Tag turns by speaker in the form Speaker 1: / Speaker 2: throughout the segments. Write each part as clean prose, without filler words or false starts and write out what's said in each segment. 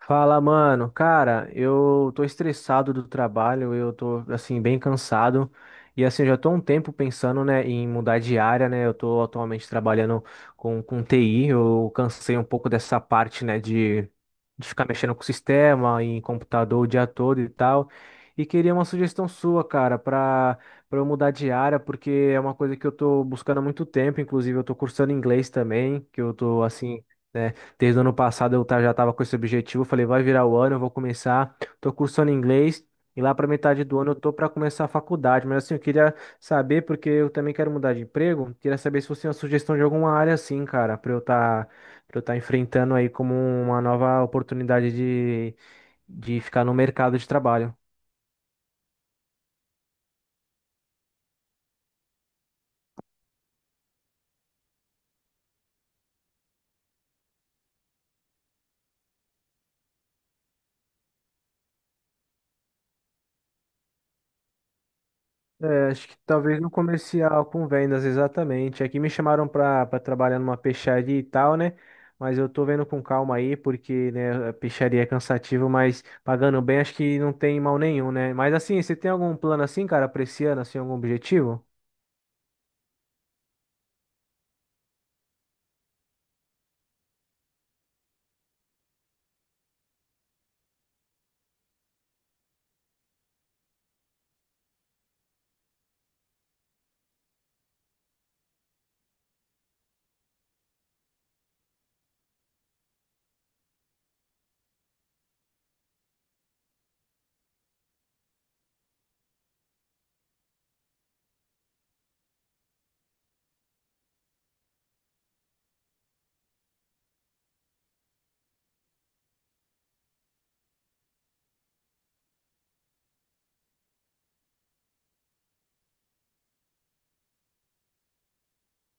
Speaker 1: Fala, mano. Cara, eu tô estressado do trabalho, assim, bem cansado. E, assim, eu já tô há um tempo pensando, né, em mudar de área, né? Eu tô atualmente trabalhando com TI, eu cansei um pouco dessa parte, né, de ficar mexendo com o sistema, em computador o dia todo e tal. E queria uma sugestão sua, cara, pra eu mudar de área, porque é uma coisa que eu tô buscando há muito tempo. Inclusive, eu tô cursando inglês também, que eu tô, assim. Né? Desde o ano passado já estava com esse objetivo. Eu Falei, vai virar o ano, eu vou começar. Tô cursando inglês e lá para metade do ano eu tô para começar a faculdade. Mas assim, eu queria saber, porque eu também quero mudar de emprego. Queria saber se você tem uma sugestão de alguma área assim, cara, para eu tá enfrentando aí como uma nova oportunidade de ficar no mercado de trabalho. É, acho que talvez no comercial com vendas, exatamente. Aqui me chamaram para trabalhar numa peixaria e tal, né? Mas eu tô vendo com calma aí, porque, né, a peixaria é cansativo, mas pagando bem, acho que não tem mal nenhum, né? Mas assim, você tem algum plano assim, cara, pra esse ano, assim, algum objetivo?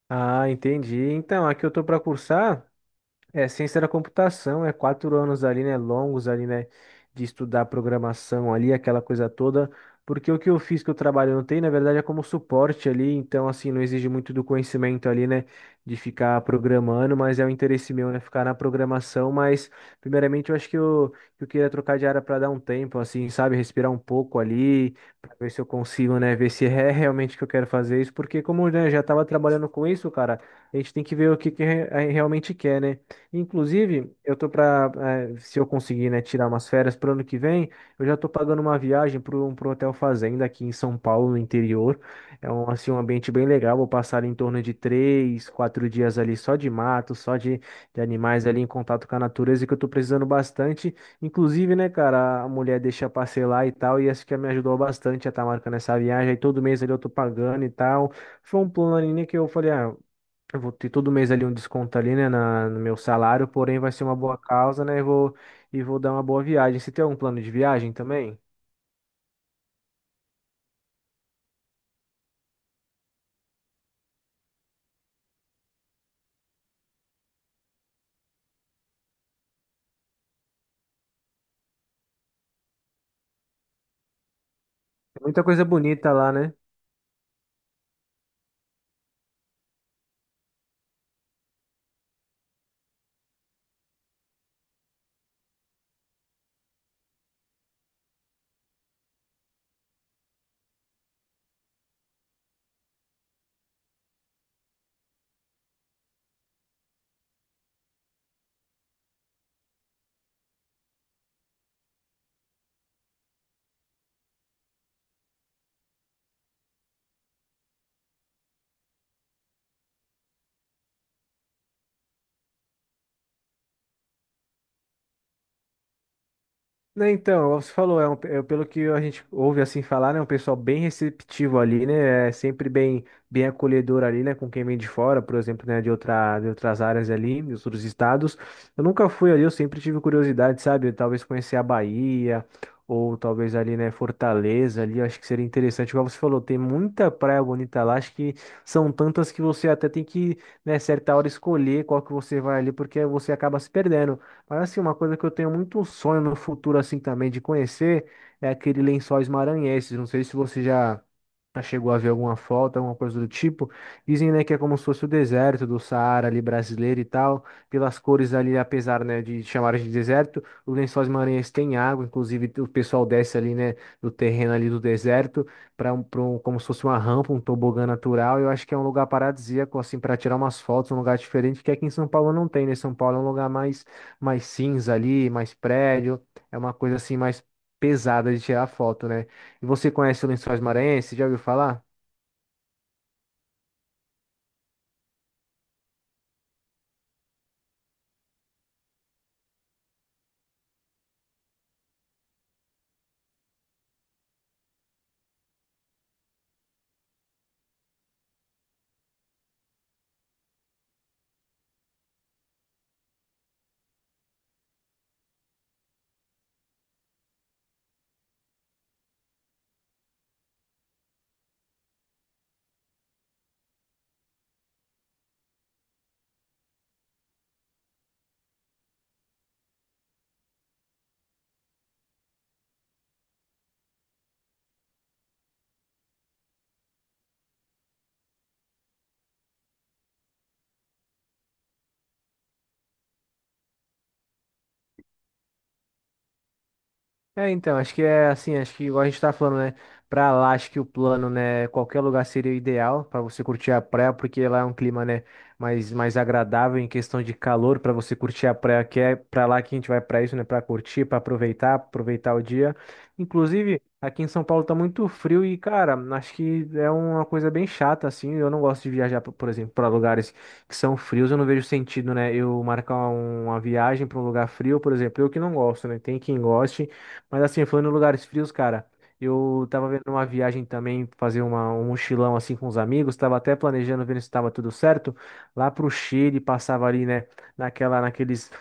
Speaker 1: Ah, entendi. Então, aqui eu tô para cursar. É, ciência da computação, é quatro anos ali, né, longos ali, né, de estudar programação ali, aquela coisa toda, porque o que eu fiz que eu trabalho não tem, na verdade, é como suporte ali, então, assim, não exige muito do conhecimento ali, né, de ficar programando, mas é o interesse meu, né, ficar na programação, mas, primeiramente, eu acho que eu queria trocar de área para dar um tempo, assim, sabe, respirar um pouco ali, para ver se eu consigo, né, ver se é realmente que eu quero fazer isso, porque como, né, eu já estava trabalhando com isso, cara, a gente tem que ver o que que realmente quer, né. Inclusive, eu tô pra, se eu conseguir, né, tirar umas férias pro ano que vem, eu já tô pagando uma viagem pro Hotel Fazenda aqui em São Paulo, no interior. É um, assim, um ambiente bem legal. Vou passar em torno de três, quatro dias ali só de mato, só de animais ali em contato com a natureza, que eu tô precisando bastante. Inclusive, né, cara, a mulher deixa parcelar e tal, e essa que me ajudou bastante a estar marcando essa viagem. Aí todo mês ali eu tô pagando e tal. Foi um plano ali, né, que eu falei, ah, eu vou ter todo mês ali um desconto ali, né, no meu salário, porém vai ser uma boa causa, né? E vou dar uma boa viagem. Você tem algum plano de viagem também? Tem muita coisa bonita lá, né? Né, então, como você falou, é um, é, pelo que a gente ouve assim falar, né, um pessoal bem receptivo ali, né, é sempre bem, bem acolhedor ali, né, com quem vem de fora, por exemplo, né, de outra, de outras áreas ali, de outros estados. Eu nunca fui ali, eu sempre tive curiosidade, sabe, talvez conhecer a Bahia, ou talvez ali, né, Fortaleza ali, eu acho que seria interessante. Igual você falou, tem muita praia bonita lá, acho que são tantas que você até tem que, né, certa hora escolher qual que você vai ali, porque você acaba se perdendo. Mas assim, uma coisa que eu tenho muito sonho no futuro assim também de conhecer é aquele Lençóis Maranhenses. Não sei se você já Chegou a ver alguma falta alguma coisa do tipo. Dizem, né, que é como se fosse o deserto do Saara ali brasileiro e tal. Pelas cores ali, apesar, né, de chamarem de deserto, os Lençóis Maranhenses têm água. Inclusive, o pessoal desce ali, né, do terreno ali do deserto para um, como se fosse uma rampa, um tobogã natural. Eu acho que é um lugar paradisíaco, assim, para tirar umas fotos, um lugar diferente que aqui em São Paulo não tem, né? São Paulo é um lugar mais, mais cinza ali, mais prédio. É uma coisa assim mais pesada de tirar foto, né? E você conhece o Lençóis Maranhenses? Já ouviu falar? É, então, acho que é assim, acho que igual a gente tá falando, né? Pra lá, acho que o plano, né? Qualquer lugar seria o ideal para você curtir a praia, porque lá é um clima, né? Mais, mais agradável em questão de calor para você curtir a praia, que é pra lá que a gente vai pra isso, né? Pra curtir, pra aproveitar, aproveitar o dia. Inclusive, aqui em São Paulo tá muito frio e, cara, acho que é uma coisa bem chata, assim. Eu não gosto de viajar, por exemplo, pra lugares que são frios, eu não vejo sentido, né? Eu marcar um, uma viagem pra um lugar frio, por exemplo, eu que não gosto, né? Tem quem goste. Mas assim, falando em lugares frios, cara, eu tava vendo uma viagem também, fazer uma, um mochilão assim com os amigos, tava até planejando, vendo se tava tudo certo, lá pro Chile, passava ali, né, naquela, naqueles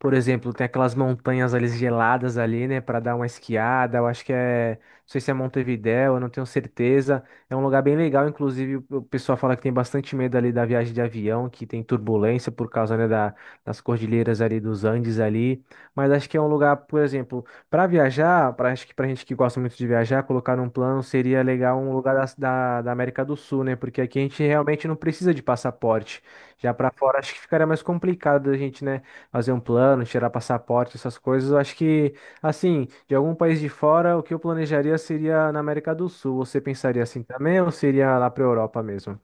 Speaker 1: por exemplo, tem aquelas montanhas ali geladas ali, né, para dar uma esquiada. Eu acho que é, não sei se é Montevidéu, eu não tenho certeza. É um lugar bem legal, inclusive o pessoal fala que tem bastante medo ali da viagem de avião, que tem turbulência por causa, né, das cordilheiras ali dos Andes ali. Mas acho que é um lugar, por exemplo, para viajar, para acho que pra gente que gosta muito de viajar, colocar num plano seria legal um lugar da da América do Sul, né? Porque aqui a gente realmente não precisa de passaporte. Já para fora acho que ficaria mais complicado a gente, né? Fazer um plano, tirar passaporte, essas coisas. Eu acho que, assim, de algum país de fora, o que eu planejaria seria na América do Sul. Você pensaria assim também ou seria lá para a Europa mesmo?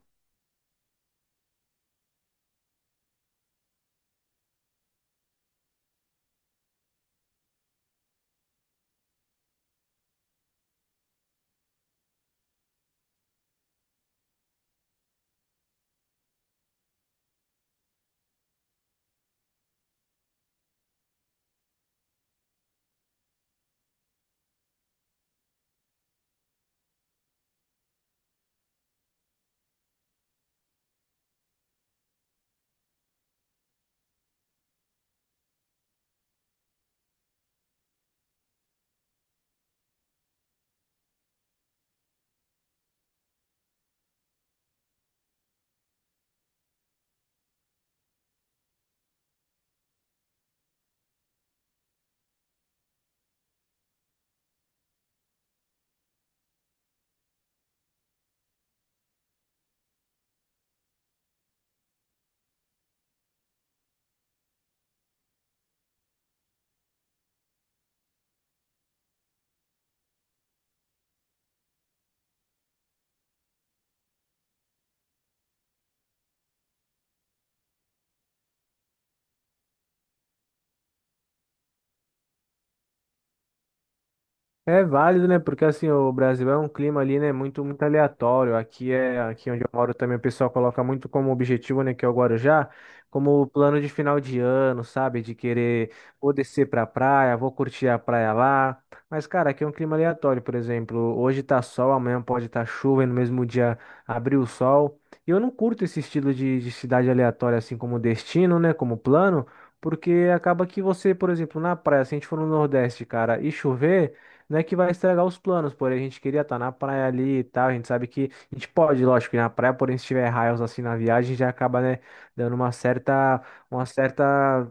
Speaker 1: É válido, né? Porque assim, o Brasil é um clima ali, né, muito aleatório. Aqui é aqui onde eu moro também o pessoal coloca muito como objetivo, né, que é o Guarujá, como plano de final de ano, sabe? De querer vou descer pra praia, vou curtir a praia lá. Mas cara, aqui é um clima aleatório, por exemplo, hoje tá sol, amanhã pode estar chuva e no mesmo dia abrir o sol. E eu não curto esse estilo de cidade aleatória assim como destino, né, como plano, porque acaba que você, por exemplo, na praia, se a gente for no Nordeste, cara, e chover, não é que vai estragar os planos, porém a gente queria estar na praia ali e tal. A gente sabe que a gente pode, lógico, ir na praia, porém se tiver raios assim na viagem, já acaba, né, dando uma certa, uma certa,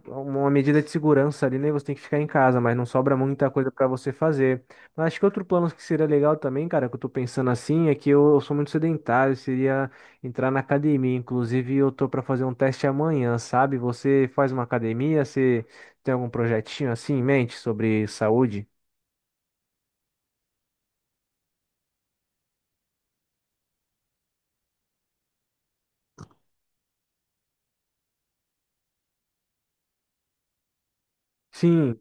Speaker 1: uma medida de segurança ali, né? Você tem que ficar em casa, mas não sobra muita coisa para você fazer. Mas acho que outro plano que seria legal também, cara, que eu tô pensando assim, é que eu sou muito sedentário, seria entrar na academia. Inclusive, eu tô para fazer um teste amanhã, sabe? Você faz uma academia, você tem algum projetinho assim em mente sobre saúde? Sim.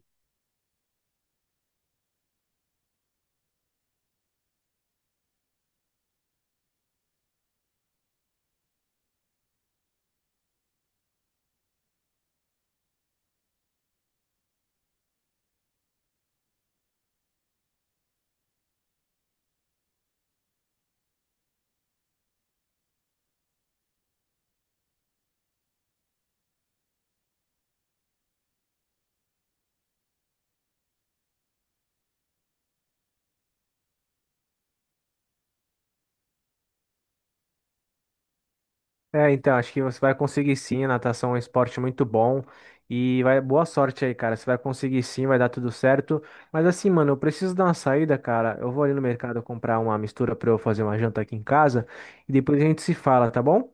Speaker 1: É, então, acho que você vai conseguir sim, a natação é um esporte muito bom e vai, boa sorte aí, cara. Você vai conseguir sim, vai dar tudo certo. Mas assim, mano, eu preciso dar uma saída, cara. Eu vou ali no mercado comprar uma mistura pra eu fazer uma janta aqui em casa e depois a gente se fala, tá bom?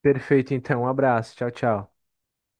Speaker 1: Perfeito, então. Um abraço. Tchau, tchau.